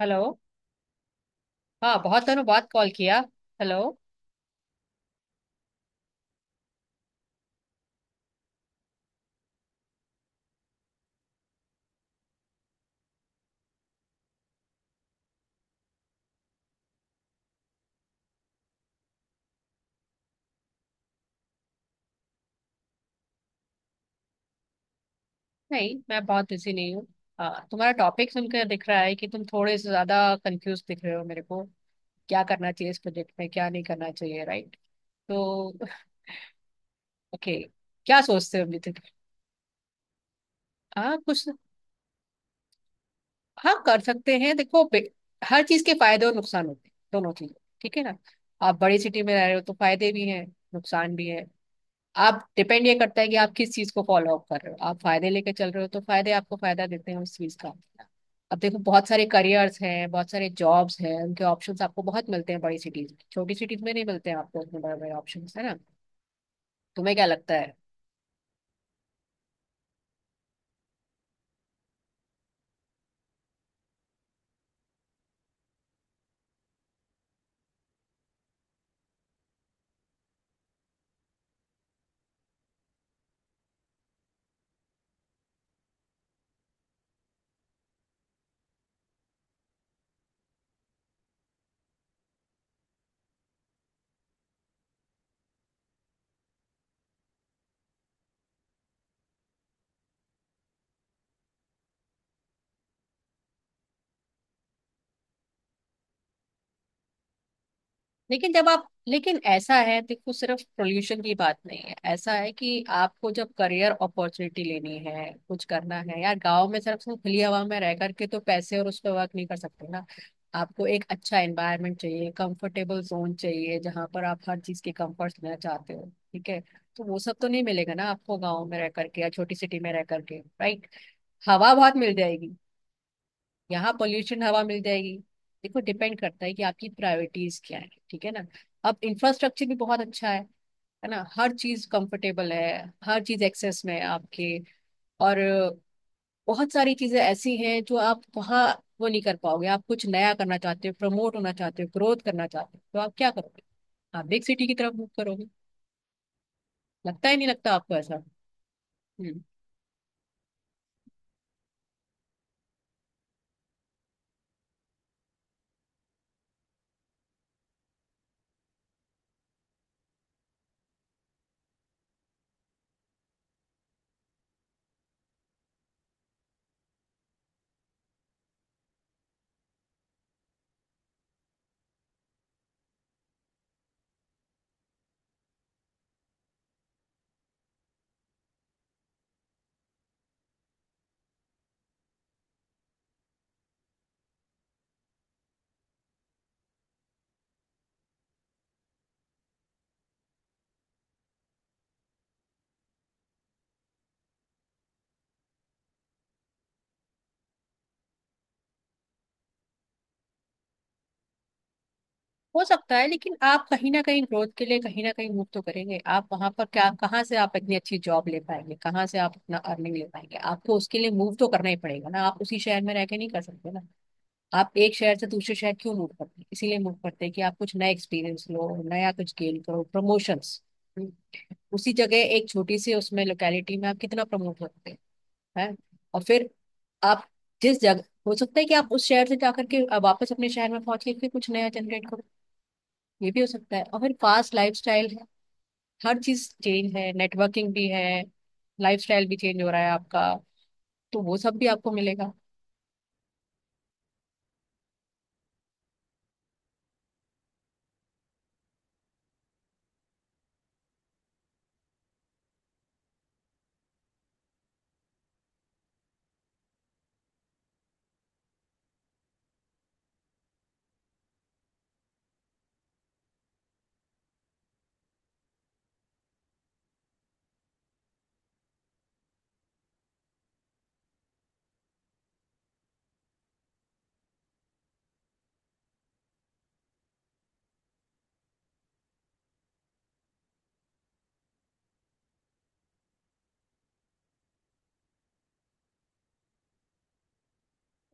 Hello. हाँ, बहुत दिनों बाद कॉल किया। हेलो। नहीं, मैं बहुत बिजी नहीं हूँ। हाँ, तुम्हारा टॉपिक सुनकर दिख रहा है कि तुम थोड़े से ज्यादा कंफ्यूज दिख रहे हो मेरे को, क्या करना चाहिए इस प्रोजेक्ट में क्या नहीं करना चाहिए, राइट? तो ओके, क्या सोचते हो अभी तक? हाँ कुछ। हाँ, कर सकते हैं। देखो, हर चीज के फायदे और नुकसान होते हैं, दोनों चीज। ठीक है ना। आप बड़ी सिटी में रह रहे हो तो फायदे भी हैं, नुकसान भी है। आप डिपेंड, ये करता है कि आप किस चीज को फॉलो अप कर रहे हो। आप फायदे लेके चल रहे हो तो फायदे आपको फायदा देते हैं उस चीज का। अब देखो, बहुत सारे करियर्स हैं, बहुत सारे जॉब्स हैं, उनके ऑप्शंस आपको बहुत मिलते हैं बड़ी सिटीज में, छोटी सिटीज में नहीं मिलते हैं आपको उतने बड़े बड़े ऑप्शंस, है ना। तुम्हें क्या लगता है? लेकिन जब आप, लेकिन ऐसा है देखो, सिर्फ पोल्यूशन की बात नहीं है। ऐसा है कि आपको जब करियर अपॉर्चुनिटी लेनी है, कुछ करना है, यार गांव में सिर्फ तुम खुली हवा में रह करके तो पैसे और उस पर वर्क नहीं कर सकते ना। आपको एक अच्छा एनवायरनमेंट चाहिए, कंफर्टेबल जोन चाहिए जहां पर आप हर चीज के कंफर्ट लेना चाहते हो, ठीक है। तो वो सब तो नहीं मिलेगा ना आपको गांव में रह करके या छोटी सिटी में रह करके, राइट। हवा बहुत मिल जाएगी। यहाँ पोल्यूशन हवा मिल जाएगी। देखो, डिपेंड करता है कि आपकी प्रायोरिटीज क्या है, ठीक है ना। अब इंफ्रास्ट्रक्चर भी बहुत अच्छा है ना, हर चीज कंफर्टेबल है। हर चीज एक्सेस में है आपके। और बहुत सारी चीजें ऐसी हैं जो आप वहाँ वो नहीं कर पाओगे। आप कुछ नया करना चाहते हो, प्रमोट होना चाहते हो, ग्रोथ करना चाहते हो, तो आप क्या करोगे? आप बिग सिटी की तरफ मूव करोगे। लगता ही नहीं, लगता आपको ऐसा? हम्म। हो सकता है, लेकिन आप कहीं ना कहीं ग्रोथ के लिए कहीं ना कहीं मूव तो करेंगे आप। वहां पर क्या, कहाँ से आप इतनी अच्छी जॉब ले पाएंगे, कहाँ से आप अपना अर्निंग ले पाएंगे? आपको उसके लिए मूव तो करना ही पड़ेगा ना, आप उसी शहर में रह के नहीं कर सकते ना। आप एक शहर से दूसरे शहर क्यों मूव करते हैं? इसीलिए मूव करते हैं कि आप कुछ नया एक्सपीरियंस लो, नया कुछ गेन करो, प्रमोशंस। उसी जगह एक छोटी सी उसमें लोकेलिटी में आप कितना प्रमोट सकते हैं? हैं? और फिर आप जिस जगह, हो सकता है कि आप उस शहर से जाकर के वापस अपने शहर में पहुंच के फिर कुछ नया जनरेट करो। ये भी हो सकता है। और फिर फास्ट लाइफस्टाइल है, हर चीज चेंज है, नेटवर्किंग भी है, लाइफस्टाइल भी चेंज हो रहा है आपका। तो वो सब भी आपको मिलेगा।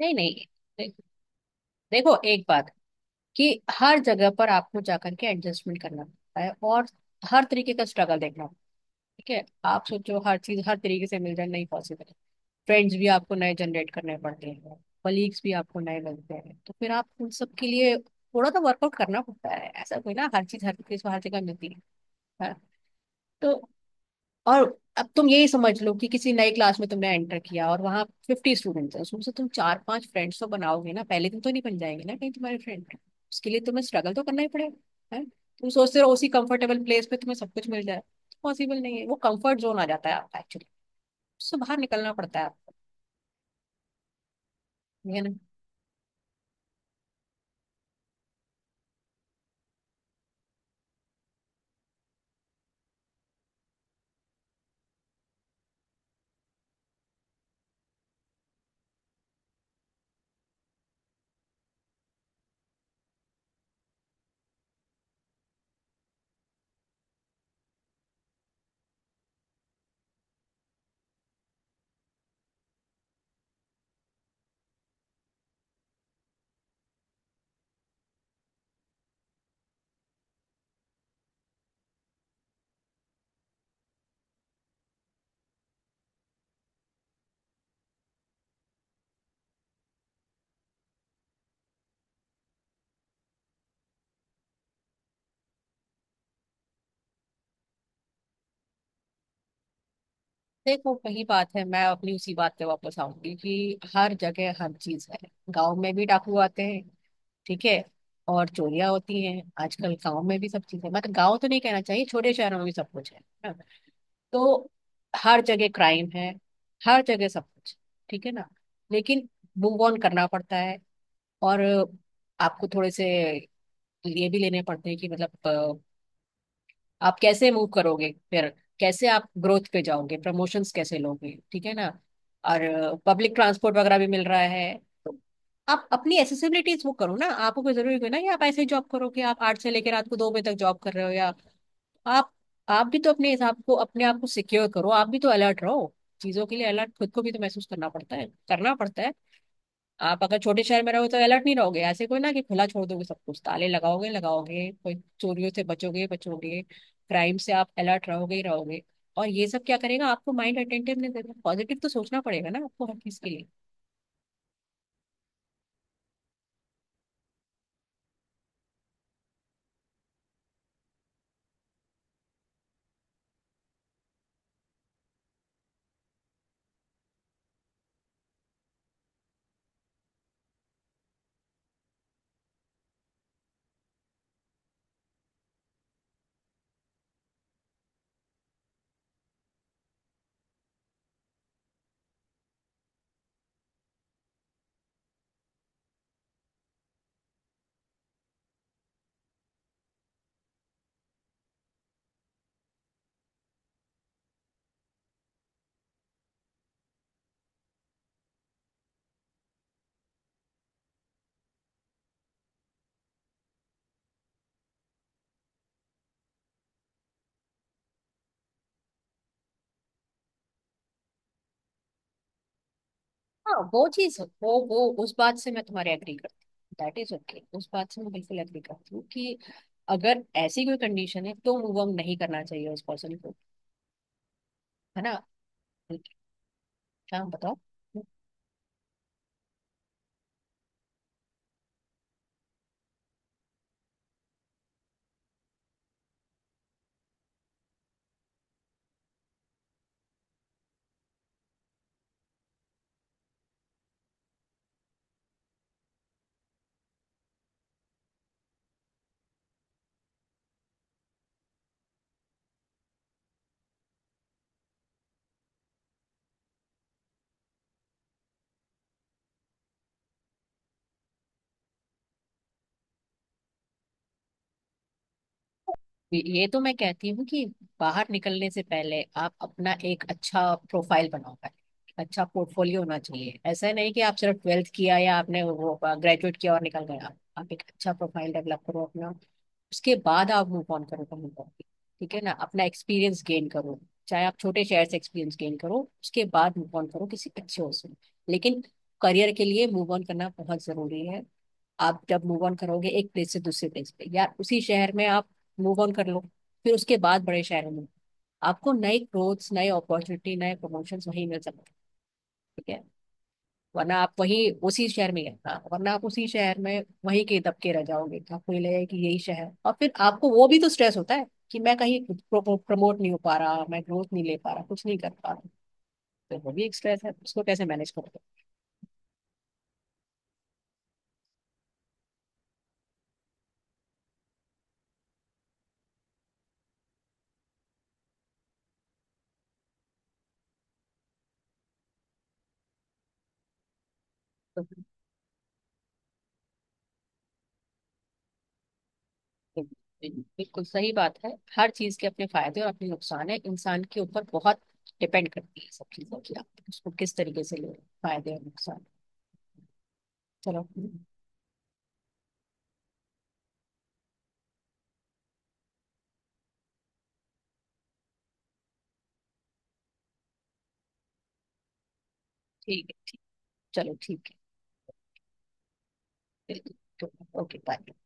नहीं नहीं। दे, देखो एक बात, कि हर जगह पर आपको जाकर के एडजस्टमेंट करना पड़ता है और हर तरीके का स्ट्रगल देखना पड़ता है, ठीक है। आप सोचो हर चीज हर तरीके से मिल जाए, नहीं पॉसिबल है। फ्रेंड्स भी आपको नए जनरेट करने पड़ते हैं, कलीग्स भी आपको नए मिलते हैं, तो फिर आप उन सब के लिए थोड़ा तो वर्कआउट करना पड़ता है, ऐसा कोई ना हर चीज हर तरीके से हर जगह मिलती है। हाँ। तो और अब तुम यही समझ लो कि किसी नई क्लास में तुमने एंटर किया और वहां 50 स्टूडेंट्स हैं, उसमें से तुम चार पांच फ्रेंड्स तो बनाओगे ना, पहले दिन तो नहीं बन जाएंगे ना कहीं तुम्हारे फ्रेंड। उसके लिए तुम्हें स्ट्रगल तो करना ही पड़ेगा, है तुम सोचते हो उसी कंफर्टेबल प्लेस पे तुम्हें सब कुछ मिल जाए, पॉसिबल नहीं है। वो कंफर्ट जोन आ जाता है आपका, एक्चुअली उससे बाहर निकलना पड़ता है आपको, ठीक है ना। देखो, वही बात है, मैं अपनी उसी बात पे वापस आऊंगी कि हर जगह हर चीज है, गांव में भी डाकू आते हैं, ठीक है, और चोरियां होती हैं आजकल गांव में भी, सब चीजें, मतलब गांव तो नहीं कहना चाहिए, छोटे शहरों में भी सब कुछ है ना? तो हर जगह क्राइम है, हर जगह सब कुछ, ठीक है ना। लेकिन मूव ऑन करना पड़ता है। और आपको थोड़े से ये भी लेने पड़ते हैं कि मतलब आप कैसे मूव करोगे फिर, कैसे आप ग्रोथ पे जाओगे, प्रमोशंस कैसे लोगे, ठीक है ना। और पब्लिक ट्रांसपोर्ट वगैरह भी मिल रहा है, तो आप अपनी एसेसिबिलिटीज वो करो ना। आपको कोई जरूरी नहीं ना कि आप ऐसे ही जॉब करो कि आप 8 से लेकर रात को 2 बजे तक जॉब कर रहे हो, या आप आप भी तो अपने हिसाब को अपने आप को सिक्योर करो, आप भी तो अलर्ट रहो चीजों के लिए। अलर्ट खुद को भी तो महसूस करना पड़ता है, करना पड़ता है। आप अगर छोटे शहर में रहो तो अलर्ट नहीं रहोगे ऐसे, कोई ना कि खुला छोड़ दोगे सब कुछ, ताले लगाओगे लगाओगे कोई, चोरियों से बचोगे बचोगे, क्राइम से आप अलर्ट रहोगे ही रहोगे। और ये सब क्या करेगा, आपको माइंड अटेंटिवनेस देगा, पॉजिटिव तो सोचना पड़ेगा ना आपको हर चीज के लिए। हाँ वो चीज, वो उस बात से मैं तुम्हारे एग्री करती हूँ, दैट इज ओके। उस बात से मैं बिल्कुल एग्री करती हूँ कि अगर ऐसी कोई कंडीशन है तो मूव ऑन नहीं करना चाहिए उस पर्सन को, है ना। क्या बताओ। ये तो मैं कहती हूँ कि बाहर निकलने से पहले आप अपना एक अच्छा प्रोफाइल बनाओ, पहले अच्छा पोर्टफोलियो होना चाहिए। ऐसा नहीं कि आप सिर्फ 12th किया या आपने वो ग्रेजुएट किया और निकल गया। आप एक अच्छा प्रोफाइल डेवलप करो अपना, उसके बाद आप मूव ऑन करो कहीं पर भी, ठीक है ना। अपना एक्सपीरियंस गेन करो, चाहे आप छोटे शहर से एक्सपीरियंस गेन करो, उसके बाद मूव ऑन करो किसी अच्छे हॉस्टल में। लेकिन करियर के लिए मूव ऑन करना बहुत जरूरी है। आप जब मूव ऑन करोगे एक प्लेस से दूसरे प्लेस पे या उसी शहर में आप मूव ऑन कर लो, फिर उसके बाद बड़े शहरों में आपको नए ग्रोथ्स, नए अपॉर्चुनिटी, नए प्रमोशन वहीं मिल सकते हैं, ठीक है। वरना आप वही उसी शहर में ही रहना, वरना आप उसी शहर में वहीं के दबके रह जाओगे तो आपको ये लगेगा कि यही शहर है। और फिर आपको वो भी तो स्ट्रेस होता है कि मैं कहीं प्रमोट नहीं हो पा रहा, मैं ग्रोथ नहीं ले पा रहा, कुछ नहीं कर पा रहा। तो वो भी एक स्ट्रेस है, उसको कैसे मैनेज करोगे। बिल्कुल सही बात है। हर चीज के अपने फायदे और अपने नुकसान है, इंसान के ऊपर बहुत डिपेंड करती है सब चीजों की, आप उसको किस तरीके से ले रहे हो, फायदे और नुकसान। चलो ठीक है। चलो ठीक है। बिल्कुल ओके, बाय।